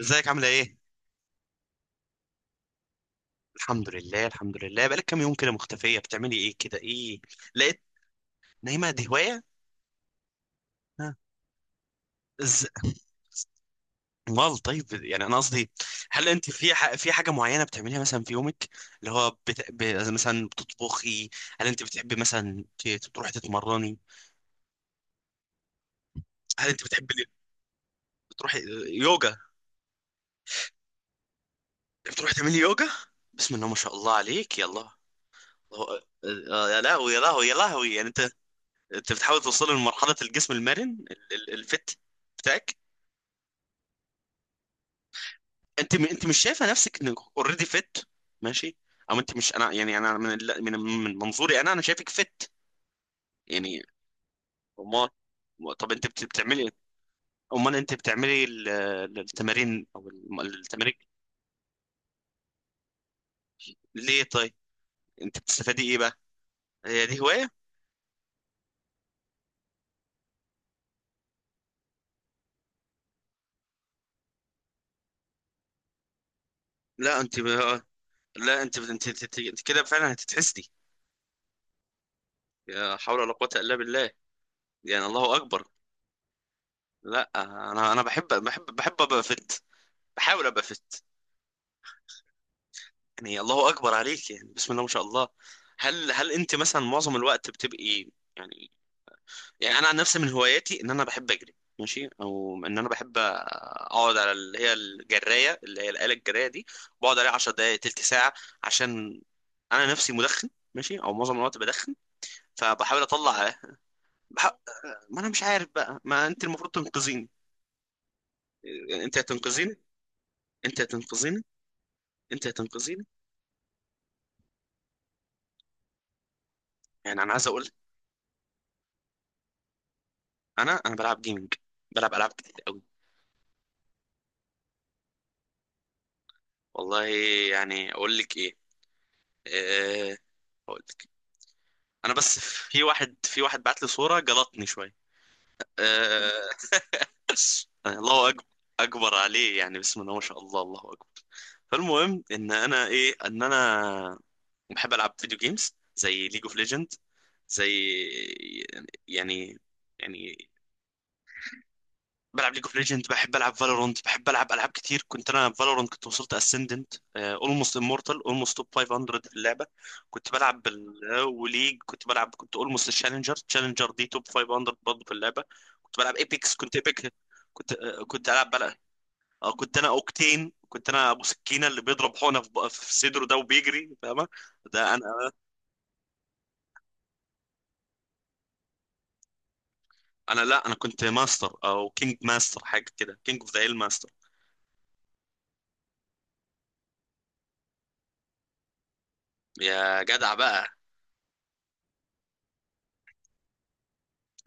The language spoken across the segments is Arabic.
ازيك عاملة ايه؟ الحمد لله. بقالك كام يوم كده مختفية بتعملي ايه كده ايه؟ لقيت نايمة دي هواية؟ ها؟ از... امال طيب يعني انا قصدي، هل انت في في حاجة معينة بتعمليها مثلا في يومك اللي هو مثلا بتطبخي؟ هل انت بتحبي مثلا تروحي تتمرني؟ هل انت بتحبي تروحي يوجا؟ بتروحي تعملي يوجا؟ بسم الله ما شاء الله عليك، يلا. يا لهوي يا لهوي يا لهوي، يعني انت انت بتحاول توصل لمرحلة الجسم المرن الفت بتاعك؟ انت مش شايفه نفسك انك اوريدي فت؟ ماشي، او انت مش، انا يعني انا من منظوري انا شايفك فت يعني. امال طب انت بتعملي إيه؟ امال انت بتعملي التمارين او التمارين ليه طيب؟ انت بتستفادي ايه بقى؟ هي دي هوايه؟ لا انت ب... لا انت كده فعلا هتتحسدي. يا حول ولا قوه الا بالله، يعني الله اكبر. لا انا، انا بحب ابقى فت، بحاول ابقى فت. يعني الله اكبر عليك، يعني بسم الله ما شاء الله. هل انت مثلا معظم الوقت بتبقي، يعني، يعني انا عن نفسي من هواياتي ان انا بحب اجري، ماشي، او ان انا بحب اقعد على اللي هي الجرايه، اللي هي الاله الجرايه دي، بقعد عليها 10 دقائق، تلت ساعه، عشان انا نفسي مدخن، ماشي، او معظم الوقت بدخن، فبحاول اطلع. بح... ما انا مش عارف بقى، ما انت المفروض تنقذيني. انت هتنقذيني انت هتنقذيني انت هتنقذيني. يعني انا عايز اقول، انا بلعب جيمنج، بلعب العاب كتير. والله، يعني اقول لك ايه، أه، اقول لك، انا بس، في واحد بعت لي صورة جلطني شوية، أه. الله أكبر، اكبر عليه، يعني بسم الله ما شاء الله، الله اكبر. فالمهم ان انا ايه، ان انا بحب العب فيديو جيمز زي ليج اوف ليجند، زي، يعني، يعني بلعب ليج اوف ليجند، بحب العب فالورانت، بحب العب العاب كتير. كنت انا في فالورانت كنت وصلت اسندنت، اولموست امورتال، اولموست توب 500 في اللعبه. كنت بلعب بال... آه، وليج كنت بلعب، كنت اولموست تشالنجر، تشالنجر دي توب 500 برضه في اللعبه. كنت بلعب ايبكس، كنت العب بلع... آه، كنت انا اوكتين، كنت انا ابو سكينه اللي بيضرب حقنه في في صدره ده وبيجري، فاهمه؟ ده انا. انا لا، انا كنت ماستر، او كينج ماستر، حاجه كده، كينج اوف ذا هيل ماستر. يا جدع بقى.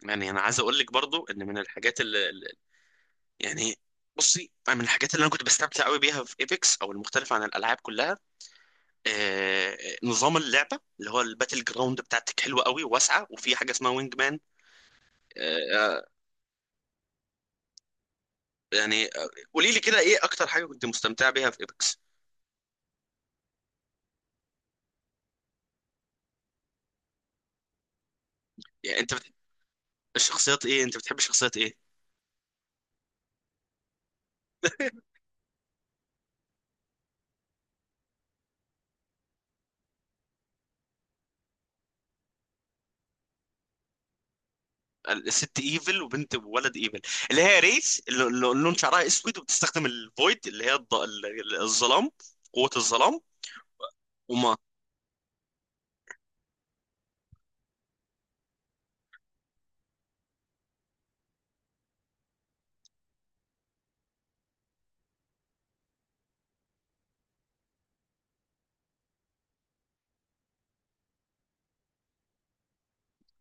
يعني انا عايز اقول لك برضو ان من الحاجات يعني، بصي، من الحاجات اللي انا كنت بستمتع قوي بيها في ايبكس، او المختلفه عن الالعاب كلها، آه، نظام اللعبه اللي هو الباتل جراوند بتاعتك حلوه قوي وواسعه، وفي حاجه اسمها وينج مان. آه، يعني آه، قولي لي كده، ايه اكتر حاجه كنت مستمتع بيها في ايبكس؟ يعني انت بتحب الشخصيات ايه، انت بتحب شخصيات ايه؟ الست ايفل وبنت وولد ايفل، اللي هي ريس، اللي لون شعرها اسود وبتستخدم الفويد اللي هي الظلام، قوة الظلام. وما،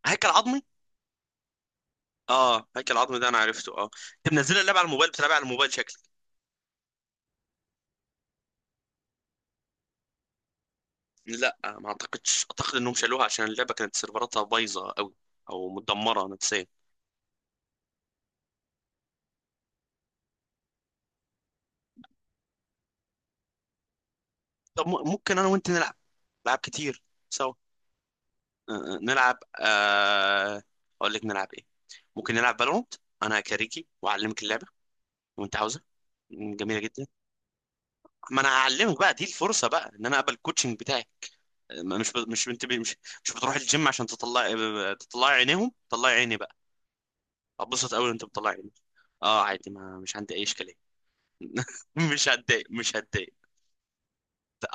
هيكل عظمي. اه، هيكل عظمي، ده انا عرفته، اه. انت منزل اللعبه على الموبايل، بتلعبها على الموبايل شكلك. لا، ما اعتقدش، اعتقد انهم شالوها عشان اللعبه كانت سيرفراتها بايظه قوي، او متدمره نفسيا. طب ممكن انا وانت نلعب، نلعب كتير سوا. آه، آه، نلعب آه... اقول لك نلعب ايه، ممكن نلعب فالورانت، انا كاريكي واعلمك اللعبه وانت عاوزها. م، جميله جدا. ما انا هعلمك بقى، دي الفرصه بقى ان انا اقبل الكوتشنج بتاعك. آه، ما- مش ب... مش انت ب... مش مش بتروح الجيم عشان تطلع، تطلعي عينيهم؟ طلعي عيني بقى، اتبسط قوي وانت بتطلع عيني. اه، عادي، ما مش عندي اي اشكاليه. مش هتضايق، مش هتضايق.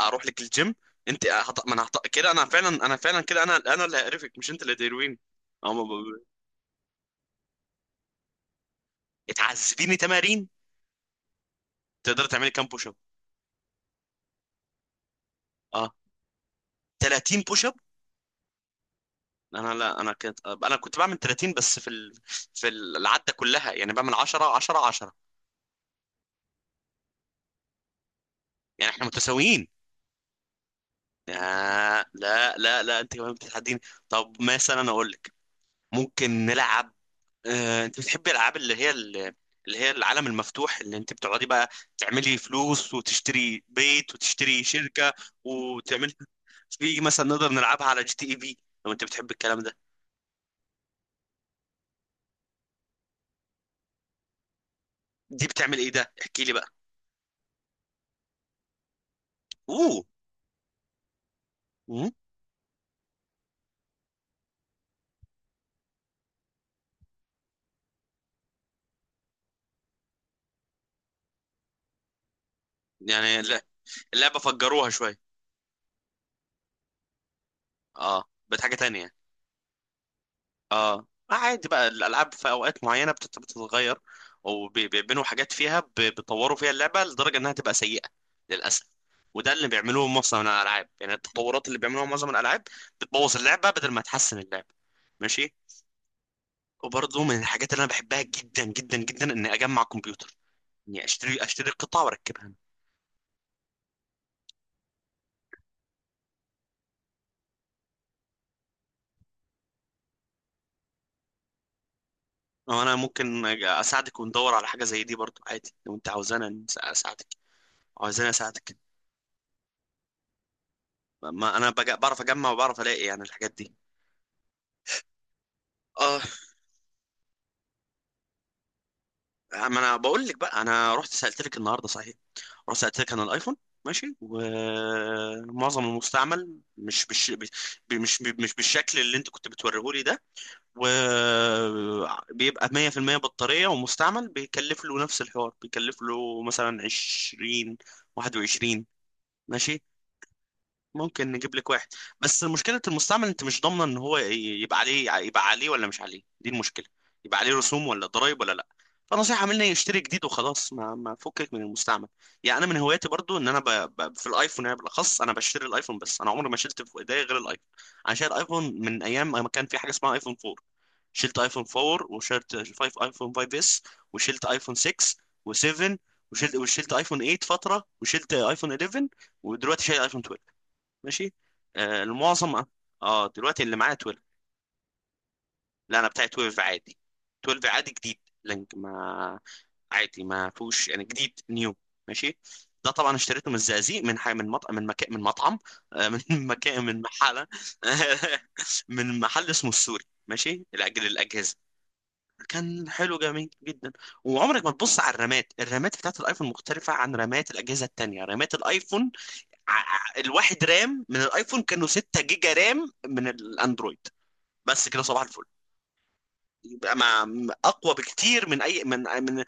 اروح لك الجيم. انت هط... ما انا هط... كده انا فعلا، انا فعلا كده، انا اللي هقرفك، مش انت اللي هتقرفيني. اه ما اتعذبيني تمارين؟ تقدر تعملي كام بوش اب؟ اه، 30 بوش اب. انا لا، انا كنت بعمل 30، بس في في العده كلها، يعني بعمل 10 10 10. يعني احنا متساويين. آه، لا، انت كمان بتتحديني. طب مثلا اقول لك، ممكن نلعب، آه، انت بتحبي الالعاب اللي هي اللي هي العالم المفتوح، اللي انت بتقعدي بقى تعملي فلوس، وتشتري بيت، وتشتري شركة، وتعملي، في مثلا نقدر نلعبها على جي تي اي في، لو انت بتحب الكلام ده. دي بتعمل ايه ده، احكي لي بقى. اوه، مم. يعني اللعبة فجروها شوية. اه، بقت حاجة تانية. اه آه، عادي بقى، الالعاب في اوقات معينه بتتغير، وبيعملوا حاجات فيها، بيطوروا فيها اللعبه لدرجه انها تبقى سيئه للاسف. وده اللي بيعملوه معظم الالعاب، يعني التطورات اللي بيعملوها معظم الالعاب، بتبوظ اللعبه بدل ما تحسن اللعبه، ماشي. وبرضه من الحاجات اللي انا بحبها جدا جدا جدا، اني اجمع كمبيوتر، اني اشتري قطع واركبها انا. أو أنا ممكن اساعدك، وندور على حاجه زي دي برضه عادي، لو انت عاوزانا اساعدك، عاوزاني اساعدك، ما انا بعرف اجمع وبعرف الاقي يعني الحاجات دي. اه آه، ما انا بقول لك بقى، انا رحت سالت لك النهارده صحيح، رحت سالت لك عن الايفون، ماشي، ومعظم المستعمل مش مش مش بالشكل اللي انت كنت بتوريه لي ده، وبيبقى 100% بطاريه ومستعمل، بيكلف له نفس الحوار، بيكلف له مثلا 20، 21، ماشي. ممكن نجيب لك واحد، بس مشكلة المستعمل، انت مش ضامنة ان هو يبقى عليه، يبقى عليه ولا مش عليه، دي المشكلة، يبقى عليه رسوم ولا ضرائب ولا لا. فنصيحة مني يشتري جديد وخلاص، ما فكك من المستعمل. يعني انا من هواياتي برضو ان انا في الايفون، يعني بالاخص انا بشتري الايفون بس، انا عمري ما شلت في ايديا غير الايفون. انا شايل ايفون من ايام ما كان في حاجة اسمها ايفون 4، شلت ايفون 4، وشلت 5، ايفون 5 اس، وشلت ايفون 6، و7، وشلت ايفون 8 فترة، وشلت ايفون 11، ودلوقتي شايل ايفون اتناشر. ماشي. آه المعظم. اه دلوقتي اللي معايا 12. لا انا بتاعي 12 عادي، 12 عادي جديد. لينك ما، عادي، ما فيهوش يعني، جديد نيو. ماشي. ده طبعا اشتريته من الزقازيق، من حي من مطعم من مكان من مطعم آه، من مكان، من محل من محل اسمه السوري، ماشي لاجل الاجهزه، كان حلو جميل جدا. وعمرك ما تبص على الرامات، الرامات بتاعت الايفون مختلفه عن رامات الاجهزه التانيه، رامات الايفون، الواحد رام من الايفون كانوا 6 جيجا رام من الاندرويد، بس كده صباح الفل. يبقى مع اقوى بكتير من اي من من م-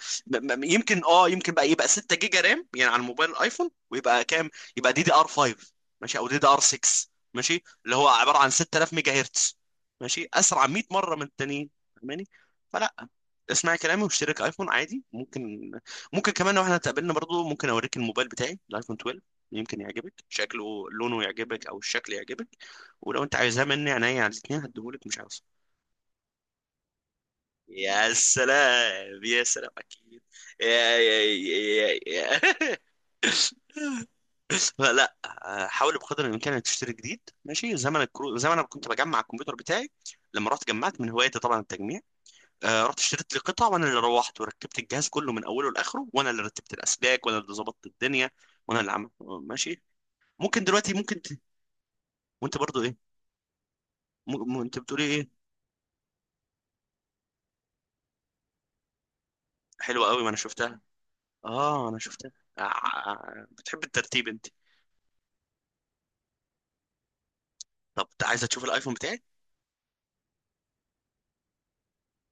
م- يمكن اه، يمكن بقى، يبقى 6 جيجا رام يعني على الموبايل الايفون، ويبقى كام، يبقى دي دي ار 5 ماشي، او دي دي ار 6 ماشي، اللي هو عباره عن 6000 ميجا هرتز، ماشي، اسرع 100 مره من التانيين، فاهماني؟ فلا، اسمعي كلامي واشترك ايفون عادي، ممكن. ممكن كمان لو احنا اتقابلنا برضو ممكن اوريك الموبايل بتاعي الايفون 12، يمكن يعجبك شكله، لونه يعجبك، او الشكل يعجبك، ولو انت عايزاه مني، عينيا على الاثنين، هديهولك، مش عاوز. يا سلام يا سلام اكيد. يا يا يا يا، لا. حاول بقدر الامكان انك تشتري جديد، ماشي. زمن ما انا كنت بجمع الكمبيوتر بتاعي، لما رحت جمعت من هوايتي طبعا التجميع، آه، رحت اشتريت لي قطع، وانا اللي روحت وركبت الجهاز كله من اوله لاخره، وانا اللي رتبت الاسلاك، وانا اللي ظبطت الدنيا، وانا اللي عملت، ماشي. ممكن دلوقتي ممكن ت... وانت برضو ايه؟ م... انت بتقولي ايه؟ حلوه قوي، ما انا شفتها. اه انا شفتها. آه، آه، آه، بتحب الترتيب انت. طب عايزه تشوف الايفون بتاعي؟